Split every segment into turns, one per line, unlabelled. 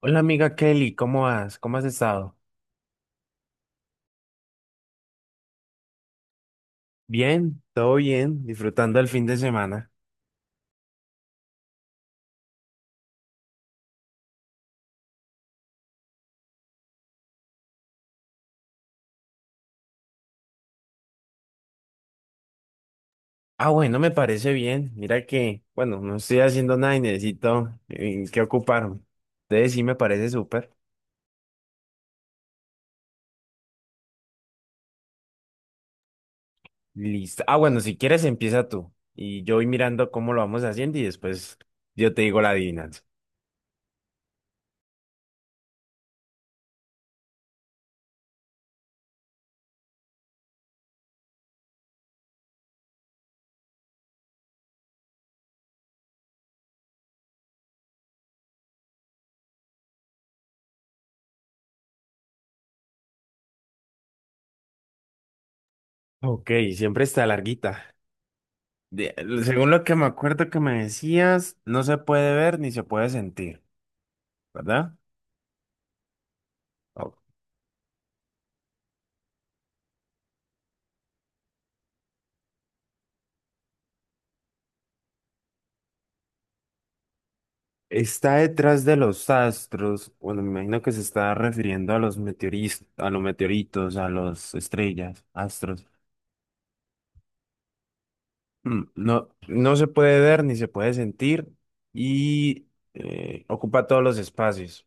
Hola amiga Kelly, ¿cómo vas? ¿Cómo has estado? Bien, todo bien, disfrutando el fin de semana. Ah, bueno, me parece bien. Mira que, bueno, no estoy haciendo nada y necesito que ocuparme. Entonces sí me parece súper. Listo. Ah, bueno, si quieres empieza tú. Y yo voy mirando cómo lo vamos haciendo y después yo te digo la adivinanza. Ok, siempre está larguita. De- Según lo que me acuerdo que me decías, no se puede ver ni se puede sentir, ¿verdad? Ok. Está detrás de los astros, bueno, me imagino que se está refiriendo a los a los meteoritos, a las estrellas, astros. No, no se puede ver ni se puede sentir y ocupa todos los espacios.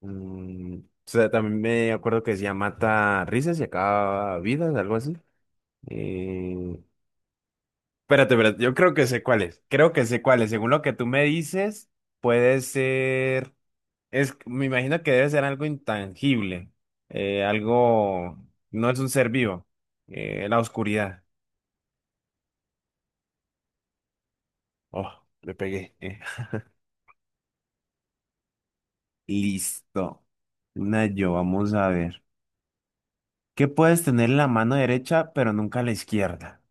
Mm, o sea, también me acuerdo que decía mata risas y acaba vidas, algo así. Eh, espérate, yo creo que sé cuál es. Creo que sé cuál es. Según lo que tú me dices, puede ser. Es, me imagino que debe ser algo intangible, algo, no es un ser vivo, la oscuridad. Oh, le pegué. Listo. Una yo, vamos a ver. ¿Qué puedes tener en la mano derecha, pero nunca la izquierda?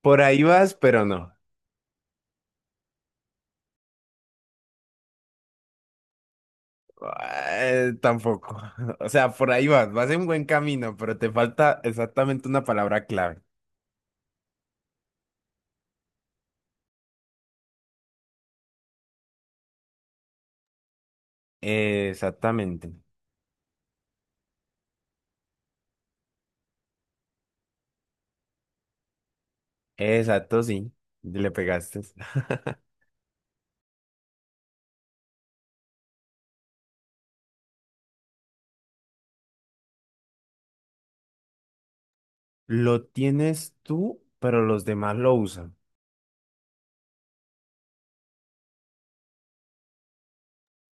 Por ahí vas, pero no. Tampoco. O sea, por ahí vas, vas en buen camino, pero te falta exactamente una palabra clave. Exactamente. Exacto, sí. Le pegaste. Lo tienes tú, pero los demás lo usan.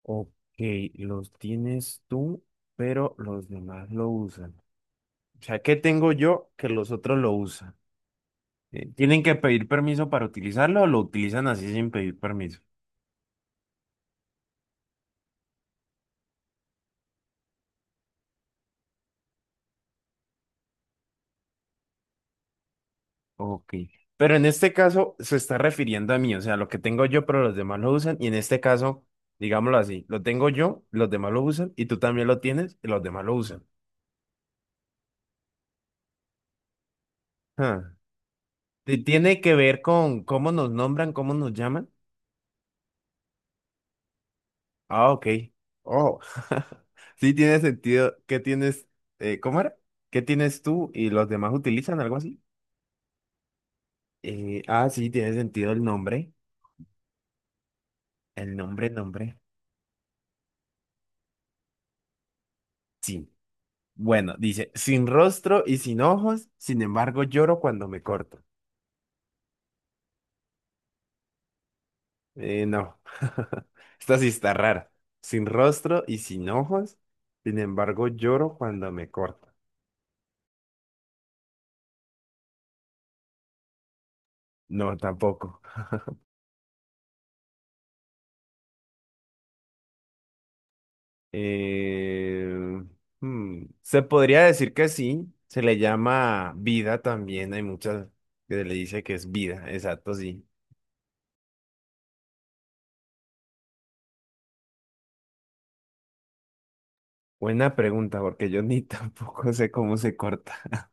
Ok, los tienes tú, pero los demás lo usan. O sea, ¿qué tengo yo que los otros lo usan? ¿Tienen que pedir permiso para utilizarlo o lo utilizan así sin pedir permiso? Ok. Pero en este caso se está refiriendo a mí, o sea, lo que tengo yo, pero los demás lo usan. Y en este caso, digámoslo así, lo tengo yo, los demás lo usan, y tú también lo tienes, y los demás lo usan. Ah. ¿Tiene que ver con cómo nos nombran, cómo nos llaman? Ah, ok. Oh, sí tiene sentido. ¿Qué tienes? ¿Cómo era? ¿Qué tienes tú y los demás utilizan algo así? Sí, tiene sentido el nombre. El nombre, nombre. Sí. Bueno, dice, sin rostro y sin ojos, sin embargo lloro cuando me corto. No. Esta sí está rara. Sin rostro y sin ojos, sin embargo lloro cuando me corto. No, tampoco. Eh, se podría decir que sí, se le llama vida también, hay muchas que le dice que es vida, exacto, sí. Buena pregunta, porque yo ni tampoco sé cómo se corta.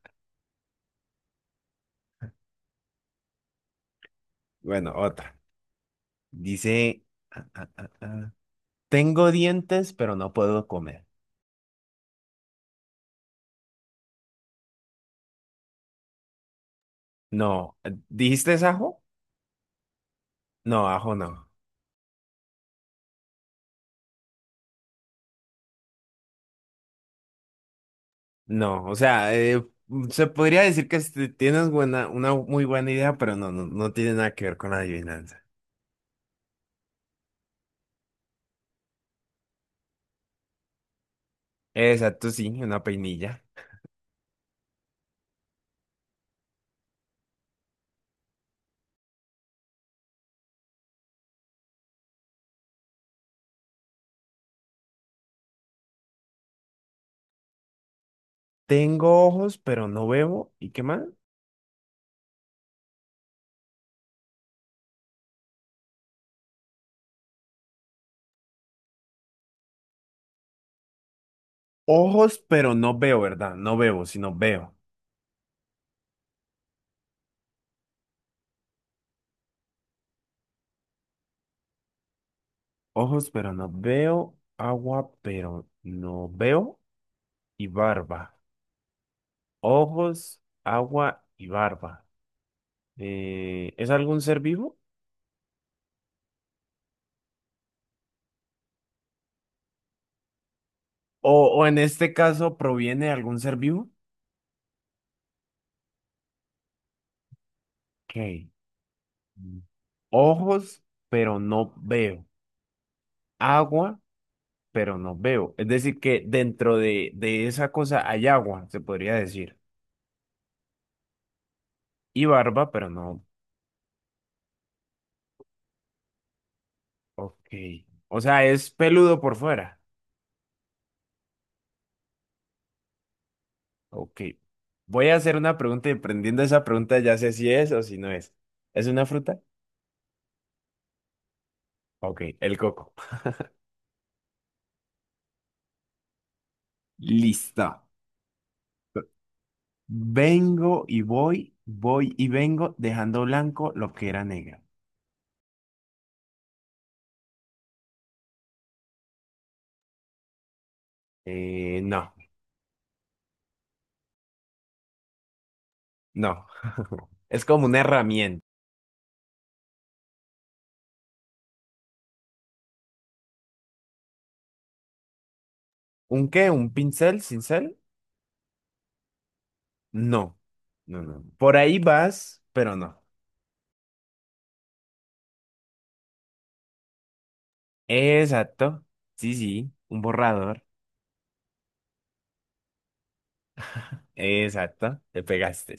Bueno, otra. Dice, ah, ah, ah, ah, tengo dientes, pero no puedo comer. No, ¿dijiste es ajo? No, ajo no. No, o sea, se podría decir que este, tienes buena, una muy buena idea, pero no tiene nada que ver con la adivinanza. Exacto, sí, una peinilla. Tengo ojos, pero no veo. ¿Y qué más? Ojos, pero no veo, ¿verdad? No veo, sino veo. Ojos, pero no veo. Agua, pero no veo. Y barba. Ojos, agua y barba. ¿Es algún ser vivo? O, o en este caso, ¿proviene de algún ser vivo? Ok. Ojos, pero no veo. Agua, pero no veo. Es decir, que dentro de esa cosa hay agua, se podría decir. Y barba, pero no. Ok. O sea, es peludo por fuera. Ok. Voy a hacer una pregunta y prendiendo esa pregunta ya sé si es o si no es. ¿Es una fruta? Ok, el coco. Listo. Vengo y voy, voy y vengo, dejando blanco lo que era negro. Eh, no, no. Es como una herramienta. ¿Un qué? ¿Un pincel? ¿Cincel? No, no. Por ahí vas, pero no. Exacto. Sí, sí, un borrador. Exacto, te pegaste.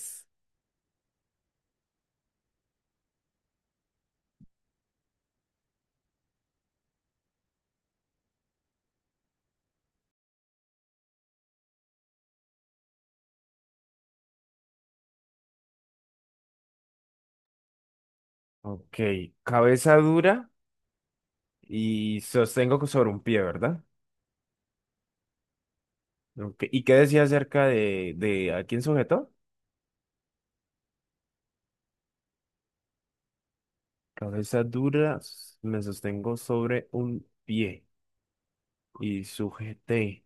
Ok, cabeza dura y sostengo sobre un pie, ¿verdad? Ok, ¿y qué decía acerca de a quién sujetó? Cabeza dura, me sostengo sobre un pie y sujeté.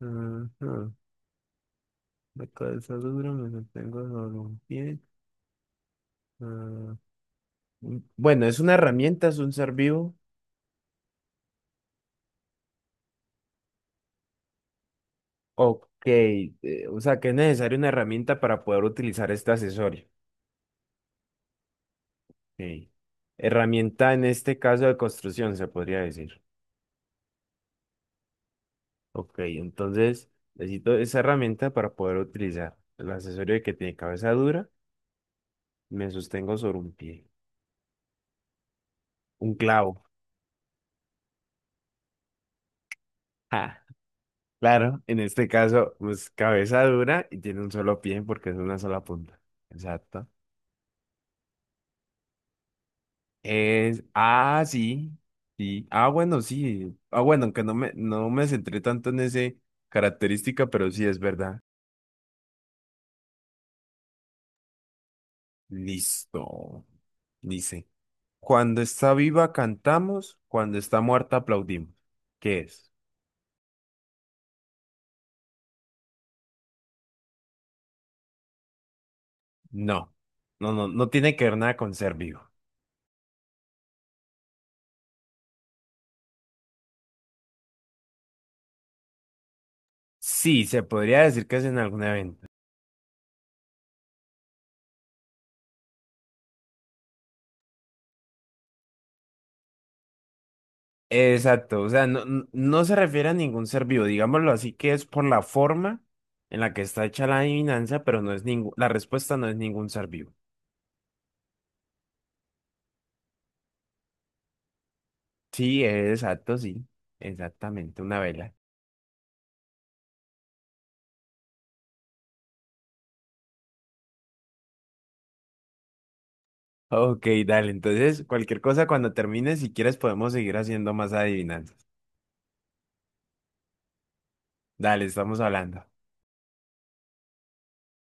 Ajá, la cabeza dura, me sostengo sobre un pie. ah, Bueno, es una herramienta, es un ser vivo. Ok, o sea que es necesaria una herramienta para poder utilizar este accesorio. Ok. Herramienta en este caso de construcción, se podría decir. Ok, entonces necesito esa herramienta para poder utilizar el accesorio que tiene cabeza dura. Me sostengo sobre un pie. Un clavo. Ja, claro, en este caso, pues cabeza dura y tiene un solo pie porque es una sola punta. Exacto. Sí, sí. Ah, bueno, sí. Ah, bueno, aunque no me centré tanto en ese característica, pero sí es verdad. Listo. Dice, cuando está viva cantamos, cuando está muerta aplaudimos. ¿Qué es? No, no, no tiene que ver nada con ser vivo. Sí, se podría decir que es en algún evento. Exacto, o sea, no se refiere a ningún ser vivo, digámoslo así, que es por la forma en la que está hecha la adivinanza, pero no es ningún, la respuesta no es ningún ser vivo. Sí, exacto, sí, exactamente, una vela. Ok, dale, entonces cualquier cosa cuando termines si quieres podemos seguir haciendo más adivinanzas. Dale, estamos hablando.